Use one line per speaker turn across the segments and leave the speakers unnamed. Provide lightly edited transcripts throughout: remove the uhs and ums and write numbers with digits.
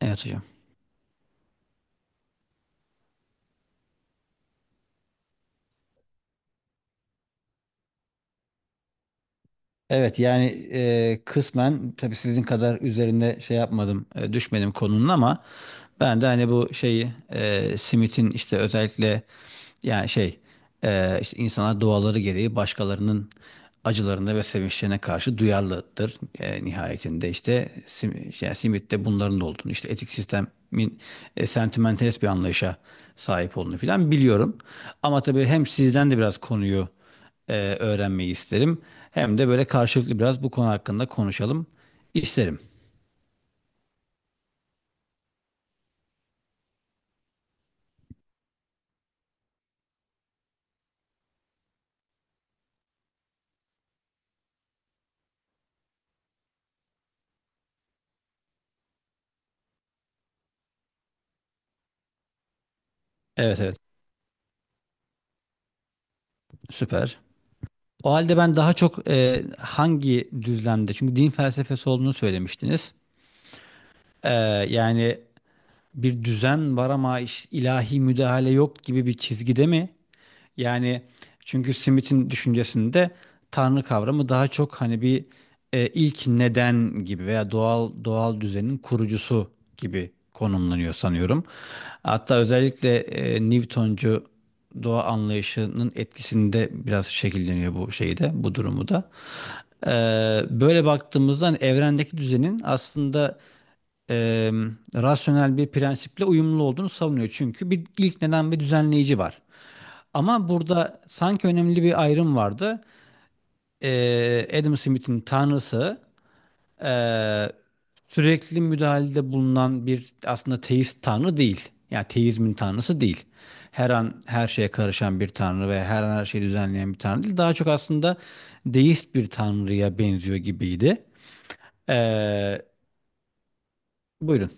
Evet hocam. Evet yani kısmen tabii sizin kadar üzerinde şey yapmadım, düşmedim konunun ama ben de hani bu şeyi, Smith'in işte özellikle, yani şey işte insanlar doğaları gereği başkalarının acılarına ve sevinçlerine karşı duyarlıdır. Nihayetinde işte yani Smith'te bunların da olduğunu, işte etik sistemin sentimentalist bir anlayışa sahip olduğunu filan biliyorum. Ama tabii hem sizden de biraz konuyu e, öğrenmeyi isterim. Hem de böyle karşılıklı biraz bu konu hakkında konuşalım isterim. Evet evet, süper. O halde ben daha çok, hangi düzlemde? Çünkü din felsefesi olduğunu söylemiştiniz. E, Yani bir düzen var ama ilahi müdahale yok gibi bir çizgide mi? Yani çünkü Smith'in düşüncesinde tanrı kavramı daha çok hani bir, ilk neden gibi veya doğal düzenin kurucusu gibi konumlanıyor sanıyorum. Hatta özellikle Newtoncu doğa anlayışının etkisinde biraz şekilleniyor bu şeyde, bu durumu da. Böyle baktığımızda hani evrendeki düzenin aslında e, rasyonel bir prensiple uyumlu olduğunu savunuyor. Çünkü bir ilk neden ve düzenleyici var. Ama burada sanki önemli bir ayrım vardı. Adam Smith'in tanrısı ee, sürekli müdahalede bulunan bir, aslında teist tanrı değil. Yani teizmin tanrısı değil. Her an her şeye karışan bir tanrı ve her an her şeyi düzenleyen bir tanrı değil. Daha çok aslında deist bir tanrıya benziyor gibiydi. Ee, Buyurun.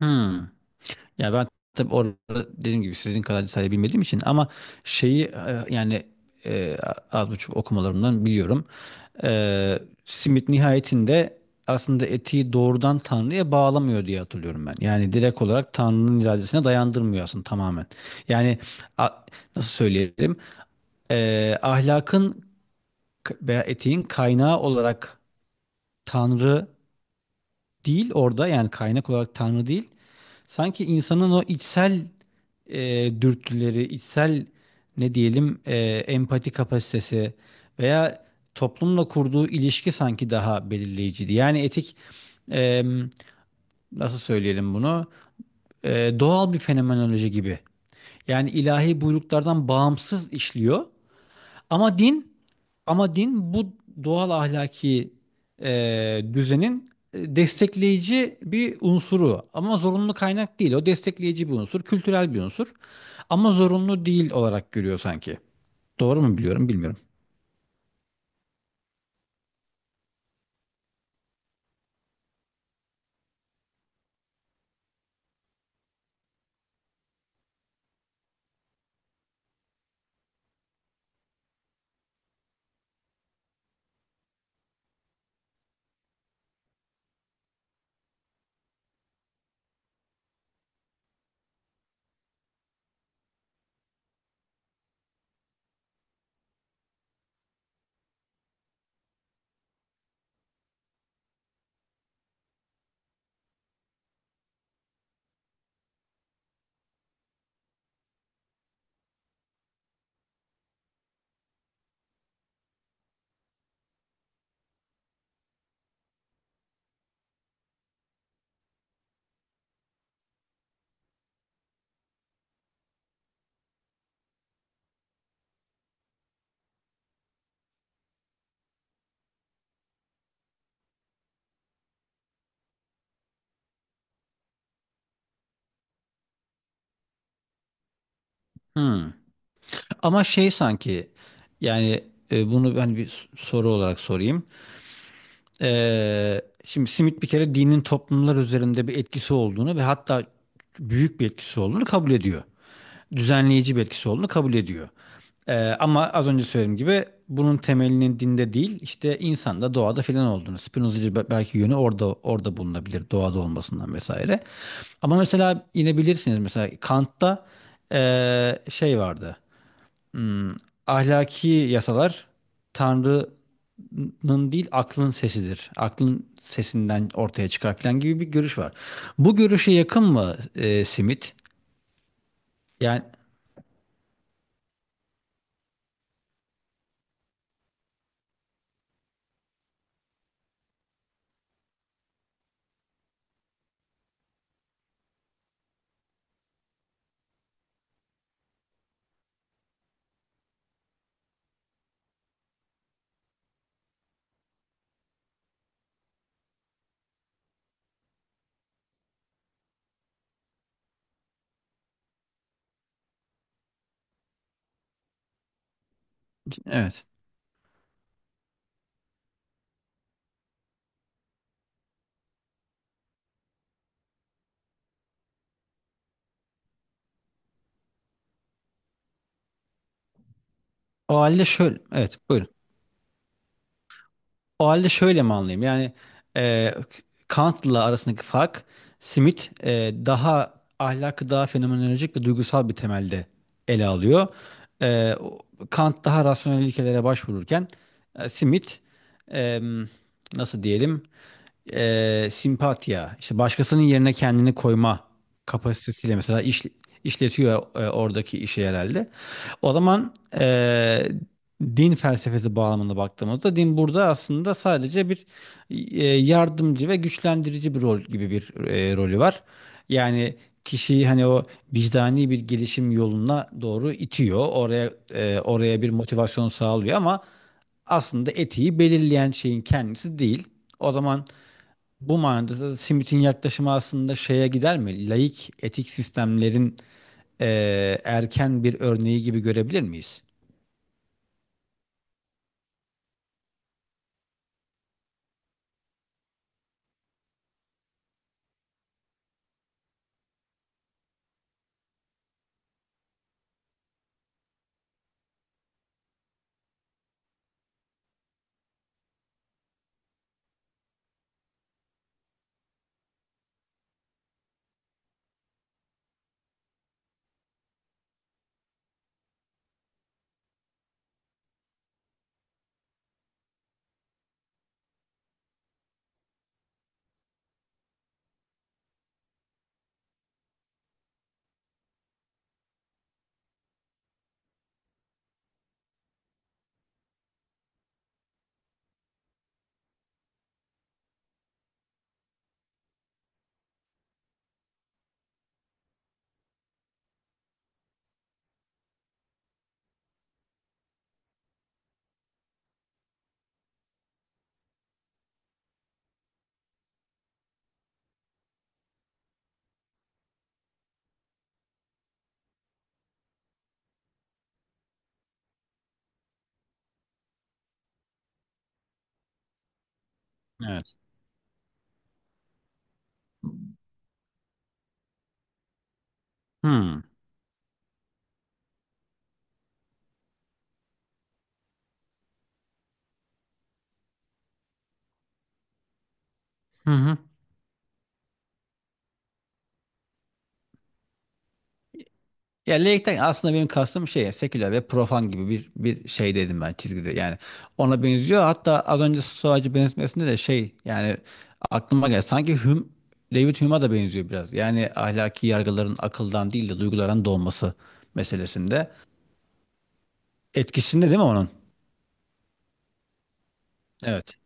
Hmm. Ya ben tabii orada dediğim gibi sizin kadar detaylı bilmediğim için ama şeyi e, yani e, az buçuk okumalarımdan biliyorum. E, Simit nihayetinde aslında etiği doğrudan Tanrı'ya bağlamıyor diye hatırlıyorum ben. Yani direkt olarak Tanrı'nın iradesine dayandırmıyor aslında tamamen. Yani a- Nasıl söyleyelim? Ahlakın veya etiğin kaynağı olarak Tanrı değil orada, yani kaynak olarak Tanrı değil. Sanki insanın o içsel dürtüleri, içsel, ne diyelim e, empati kapasitesi veya toplumla kurduğu ilişki sanki daha belirleyiciydi. Yani e, nasıl söyleyelim bunu? Doğal bir fenomenoloji gibi. Yani ilahi buyruklardan bağımsız işliyor, ama din bu doğal ahlaki düzenin destekleyici bir unsuru. Ama zorunlu kaynak değil. O destekleyici bir unsur, kültürel bir unsur. Ama zorunlu değil olarak görüyor sanki. Doğru mu biliyorum bilmiyorum. Hmm. Ama şey sanki, yani bunu ben bir soru olarak sorayım. Şimdi Smith bir kere dinin toplumlar üzerinde bir etkisi olduğunu ve hatta büyük bir etkisi olduğunu kabul ediyor. Düzenleyici bir etkisi olduğunu kabul ediyor. Ama az önce söylediğim gibi bunun temelinin dinde değil, işte insanda, doğada filan olduğunu. Spinozacı belki yönü orada bulunabilir, doğada olmasından vesaire. Ama mesela yine bilirsiniz, mesela Kant'ta şey vardı. Hmm, Ahlaki yasalar Tanrı'nın değil aklın sesidir. Aklın sesinden ortaya çıkar falan gibi bir görüş var. Bu görüşe yakın mı, Simit? Yani evet. O halde şöyle. Evet, buyurun. O halde şöyle mi anlayayım? E, Kant'la arasındaki fark, Smith daha ahlakı daha fenomenolojik ve duygusal bir temelde ele alıyor. E, o- Kant daha rasyonel ilkelere başvururken, Smith e, nasıl diyelim, simpatiya, işte başkasının yerine kendini koyma kapasitesiyle mesela işletiyor oradaki işi herhalde. O zaman, e, din felsefesi bağlamında baktığımızda din burada aslında sadece bir, yardımcı ve güçlendirici bir rol gibi bir rolü var. Yani kişiyi hani o vicdani bir gelişim yoluna doğru itiyor. Oraya bir motivasyon sağlıyor ama aslında etiği belirleyen şeyin kendisi değil. O zaman bu manada da Smith'in yaklaşımı aslında şeye gider mi? Laik etik sistemlerin erken bir örneği gibi görebilir miyiz? Evet. Hmm. Hı hı. Ya laikten aslında benim kastım şey, seküler ve profan gibi bir, şey dedim ben, çizgide yani ona benziyor. Hatta az önce Stoacı benzetmesinde de şey, yani aklıma geldi, sanki Hume, David Hume'a da benziyor biraz, yani ahlaki yargıların akıldan değil de duygulardan doğması meselesinde etkisinde değil mi onun? Evet.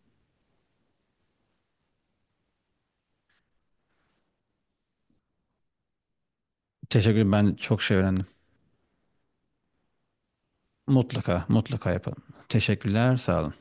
Teşekkür ederim. Ben çok şey öğrendim. Mutlaka mutlaka yapalım. Teşekkürler, sağ olun.